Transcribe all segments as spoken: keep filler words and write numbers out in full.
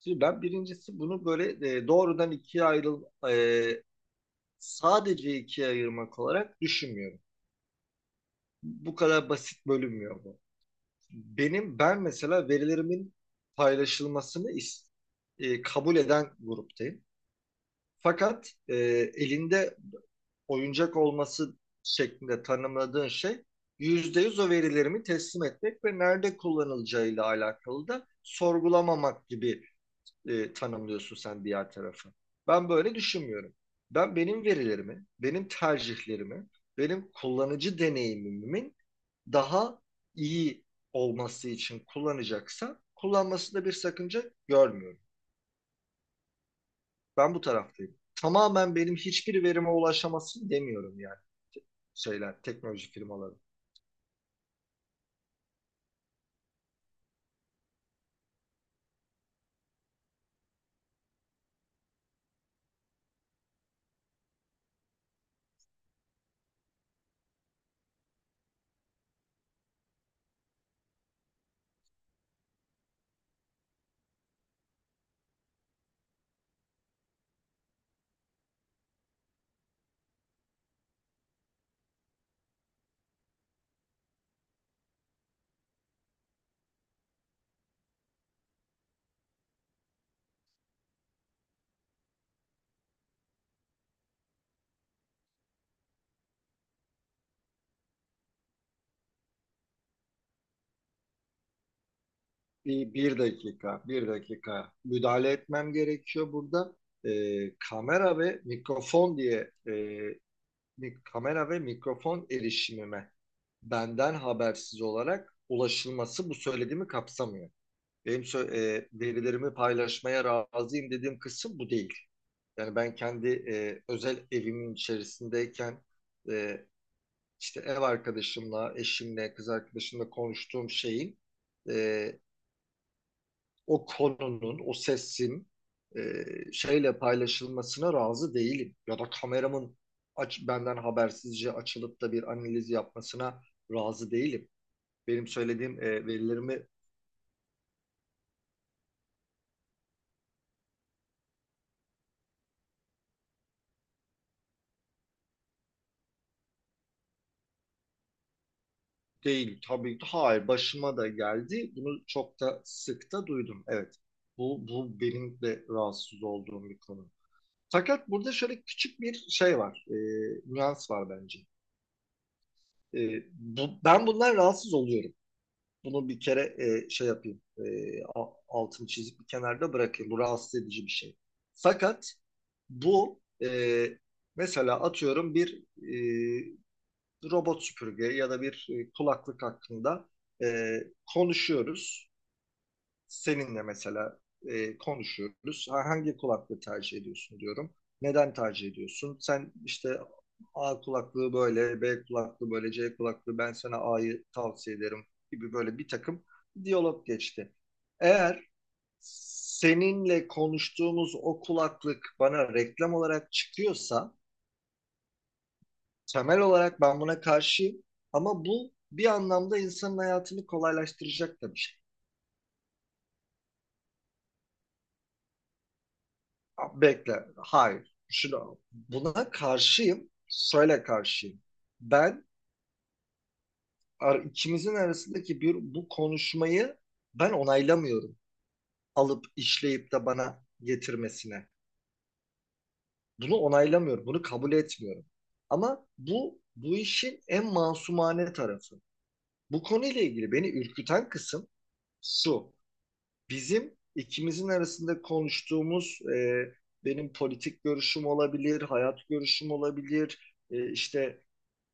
Şimdi ben birincisi bunu böyle e, doğrudan ikiye ayrıl e, sadece ikiye ayırmak olarak düşünmüyorum. Bu kadar basit bölünmüyor bu. Benim ben mesela verilerimin paylaşılmasını is- e, kabul eden gruptayım. Fakat e, elinde oyuncak olması şeklinde tanımladığın şey yüzde yüz o verilerimi teslim etmek ve nerede kullanılacağıyla alakalı da sorgulamamak gibi e, tanımlıyorsun sen diğer tarafı. Ben böyle düşünmüyorum. Ben benim verilerimi, benim tercihlerimi, benim kullanıcı deneyimimin daha iyi olması için kullanacaksa kullanmasında bir sakınca görmüyorum. Ben bu taraftayım. Tamamen benim hiçbir verime ulaşamasın demiyorum yani şeyler, teknoloji firmaları. Bir, bir dakika, bir dakika müdahale etmem gerekiyor burada. Ee, kamera ve mikrofon diye e, mi- kamera ve mikrofon erişimime benden habersiz olarak ulaşılması bu söylediğimi kapsamıyor. Benim sö- e, verilerimi paylaşmaya razıyım dediğim kısım bu değil. Yani ben kendi e, özel evimin içerisindeyken e, işte ev arkadaşımla, eşimle, kız arkadaşımla konuştuğum şeyin e, o konunun, o sesin e, şeyle paylaşılmasına razı değilim. Ya da kameramın aç, benden habersizce açılıp da bir analiz yapmasına razı değilim. Benim söylediğim e, verilerimi değil tabii ki. Hayır, başıma da geldi. Bunu çok da sık da duydum. Evet. Bu, bu benim de rahatsız olduğum bir konu. Fakat burada şöyle küçük bir şey var. E, nüans var bence. E, bu, ben bundan rahatsız oluyorum. Bunu bir kere e, şey yapayım. E, a- altını çizip bir kenarda bırakayım. Bu rahatsız edici bir şey. Fakat bu e, mesela atıyorum bir e, robot süpürge ya da bir e, kulaklık hakkında e, konuşuyoruz. Seninle mesela e, konuşuyoruz. Ha, hangi kulaklığı tercih ediyorsun diyorum. Neden tercih ediyorsun? Sen işte A kulaklığı böyle, B kulaklığı böyle, C kulaklığı ben sana A'yı tavsiye ederim gibi böyle bir takım diyalog geçti. Eğer seninle konuştuğumuz o kulaklık bana reklam olarak çıkıyorsa temel olarak ben buna karşıyım. Ama bu bir anlamda insanın hayatını kolaylaştıracak da bir şey. Bekle. Hayır. Şuna, buna karşıyım. Şöyle karşıyım. Ben ar- ikimizin arasındaki bir bu konuşmayı ben onaylamıyorum. Alıp işleyip de bana getirmesine. Bunu onaylamıyorum. Bunu kabul etmiyorum. Ama bu bu işin en masumane tarafı. Bu konuyla ilgili beni ürküten kısım şu. Bizim ikimizin arasında konuştuğumuz e, benim politik görüşüm olabilir, hayat görüşüm olabilir, e, işte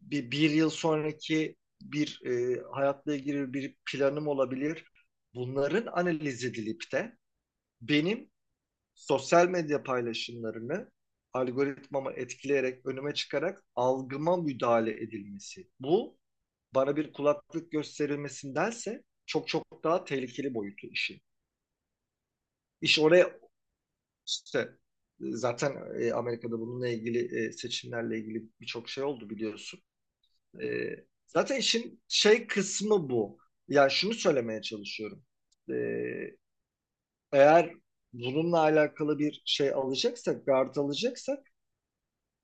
bir, bir yıl sonraki bir e, hayatla ilgili bir planım olabilir. Bunların analiz edilip de benim sosyal medya paylaşımlarını algoritmamı etkileyerek, önüme çıkarak algıma müdahale edilmesi. Bu bana bir kulaklık gösterilmesindense çok çok daha tehlikeli boyutu işin. İş oraya İşte e, zaten e, Amerika'da bununla ilgili e, seçimlerle ilgili birçok şey oldu biliyorsun. E, Zaten işin şey kısmı bu. Yani şunu söylemeye çalışıyorum. E, Eğer bununla alakalı bir şey alacaksak, gard alacaksak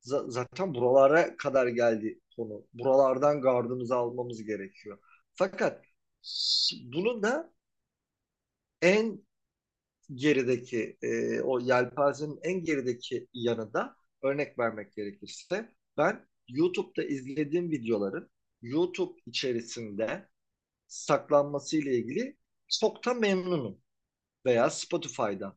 za- zaten buralara kadar geldi konu. Buralardan gardımızı almamız gerekiyor. Fakat bunu da en gerideki e, o yelpazenin en gerideki yanı da örnek vermek gerekirse ben YouTube'da izlediğim videoların YouTube içerisinde saklanması ile ilgili çok da memnunum. Veya Spotify'da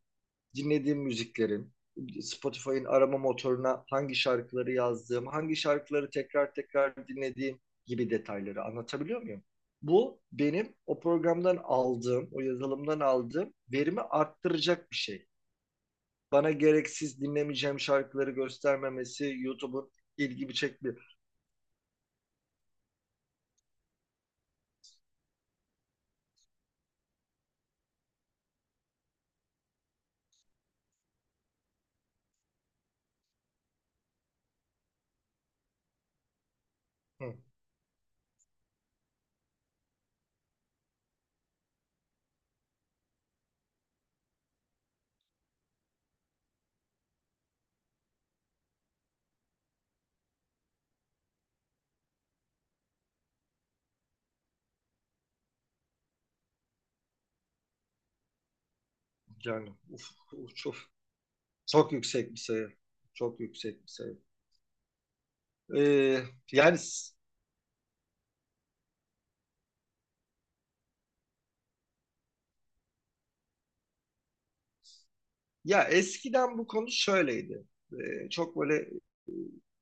dinlediğim müziklerin, Spotify'ın arama motoruna hangi şarkıları yazdığım, hangi şarkıları tekrar tekrar dinlediğim gibi detayları anlatabiliyor muyum? Bu benim o programdan aldığım, o yazılımdan aldığım verimi arttıracak bir şey, bana gereksiz dinlemeyeceğim şarkıları göstermemesi YouTube'un ilgimi çekti. Hı, yani uf, uf, çok, çok yüksek bir sayı. Çok yüksek bir sayı. Ee, yani Ya eskiden bu konu şöyleydi. Ee, çok böyle e,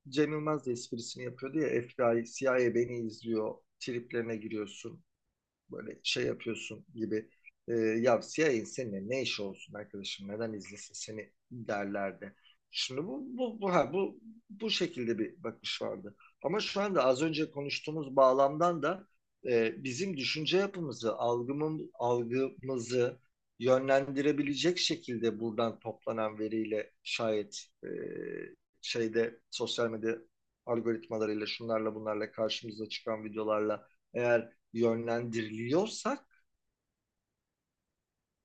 Cem Yılmaz da esprisini yapıyordu ya F B I, C I A beni izliyor, triplerine giriyorsun. Böyle şey yapıyorsun gibi e, ya C I A'nin seninle ne işi olsun arkadaşım neden izlesin seni derlerdi. Şimdi bu bu bu ha, bu bu şekilde bir bakış vardı. Ama şu anda az önce konuştuğumuz bağlamdan da e, bizim düşünce yapımızı, algımın, algımızı yönlendirebilecek şekilde buradan toplanan veriyle şayet e, şeyde sosyal medya algoritmalarıyla şunlarla bunlarla karşımıza çıkan videolarla eğer yönlendiriliyorsak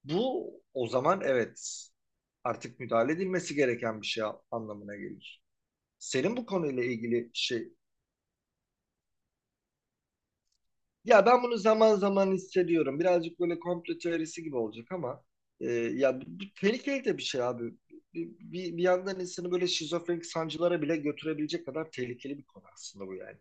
bu o zaman evet artık müdahale edilmesi gereken bir şey anlamına gelir. Senin bu konuyla ilgili şey, ya ben bunu zaman zaman hissediyorum. Birazcık böyle komplo teorisi gibi olacak ama e, ya bu, tehlikeli de bir şey abi. Bir, bir, bir yandan insanı böyle şizofrenik sancılara bile götürebilecek kadar tehlikeli bir konu aslında bu yani.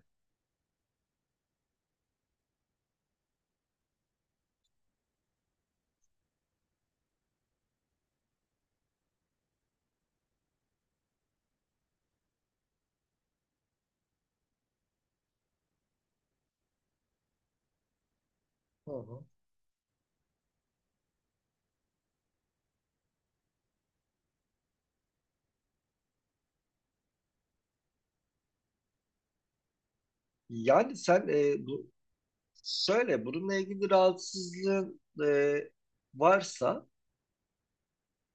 Hı hı. Yani sen e, bu söyle bununla ilgili rahatsızlığın e, varsa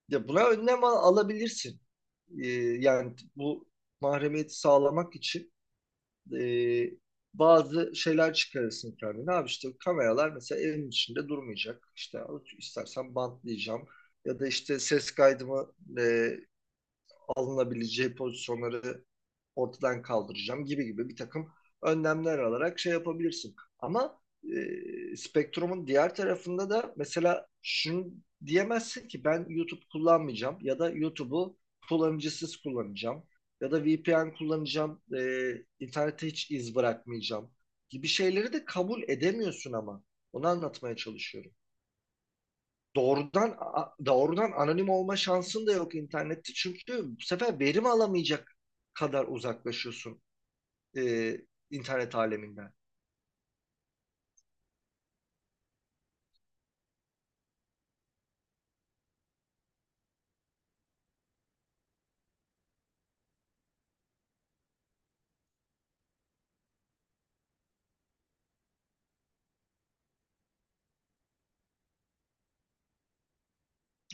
ya buna önlem al- alabilirsin. Ee, Yani bu mahremiyeti sağlamak için e, bazı şeyler çıkarırsın kendine. Abi işte kameralar mesela evin içinde durmayacak. İşte istersen bantlayacağım. Ya da işte ses kaydımı e, alınabileceği pozisyonları ortadan kaldıracağım gibi gibi bir takım önlemler alarak şey yapabilirsin. Ama e, spektrumun diğer tarafında da mesela şunu diyemezsin ki ben YouTube kullanmayacağım ya da YouTube'u kullanıcısız kullanacağım ya da V P N kullanacağım, e, internete hiç iz bırakmayacağım gibi şeyleri de kabul edemiyorsun ama. Onu anlatmaya çalışıyorum. Doğrudan Doğrudan anonim olma şansın da yok internette. Çünkü bu sefer verim alamayacak kadar uzaklaşıyorsun e, internet aleminden.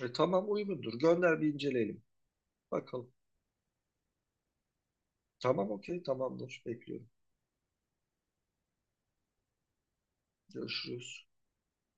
E, tamam, uygundur. Gönder bir inceleyelim. Bakalım. Tamam, okey, tamamdır. Bekliyorum. Görüşürüz.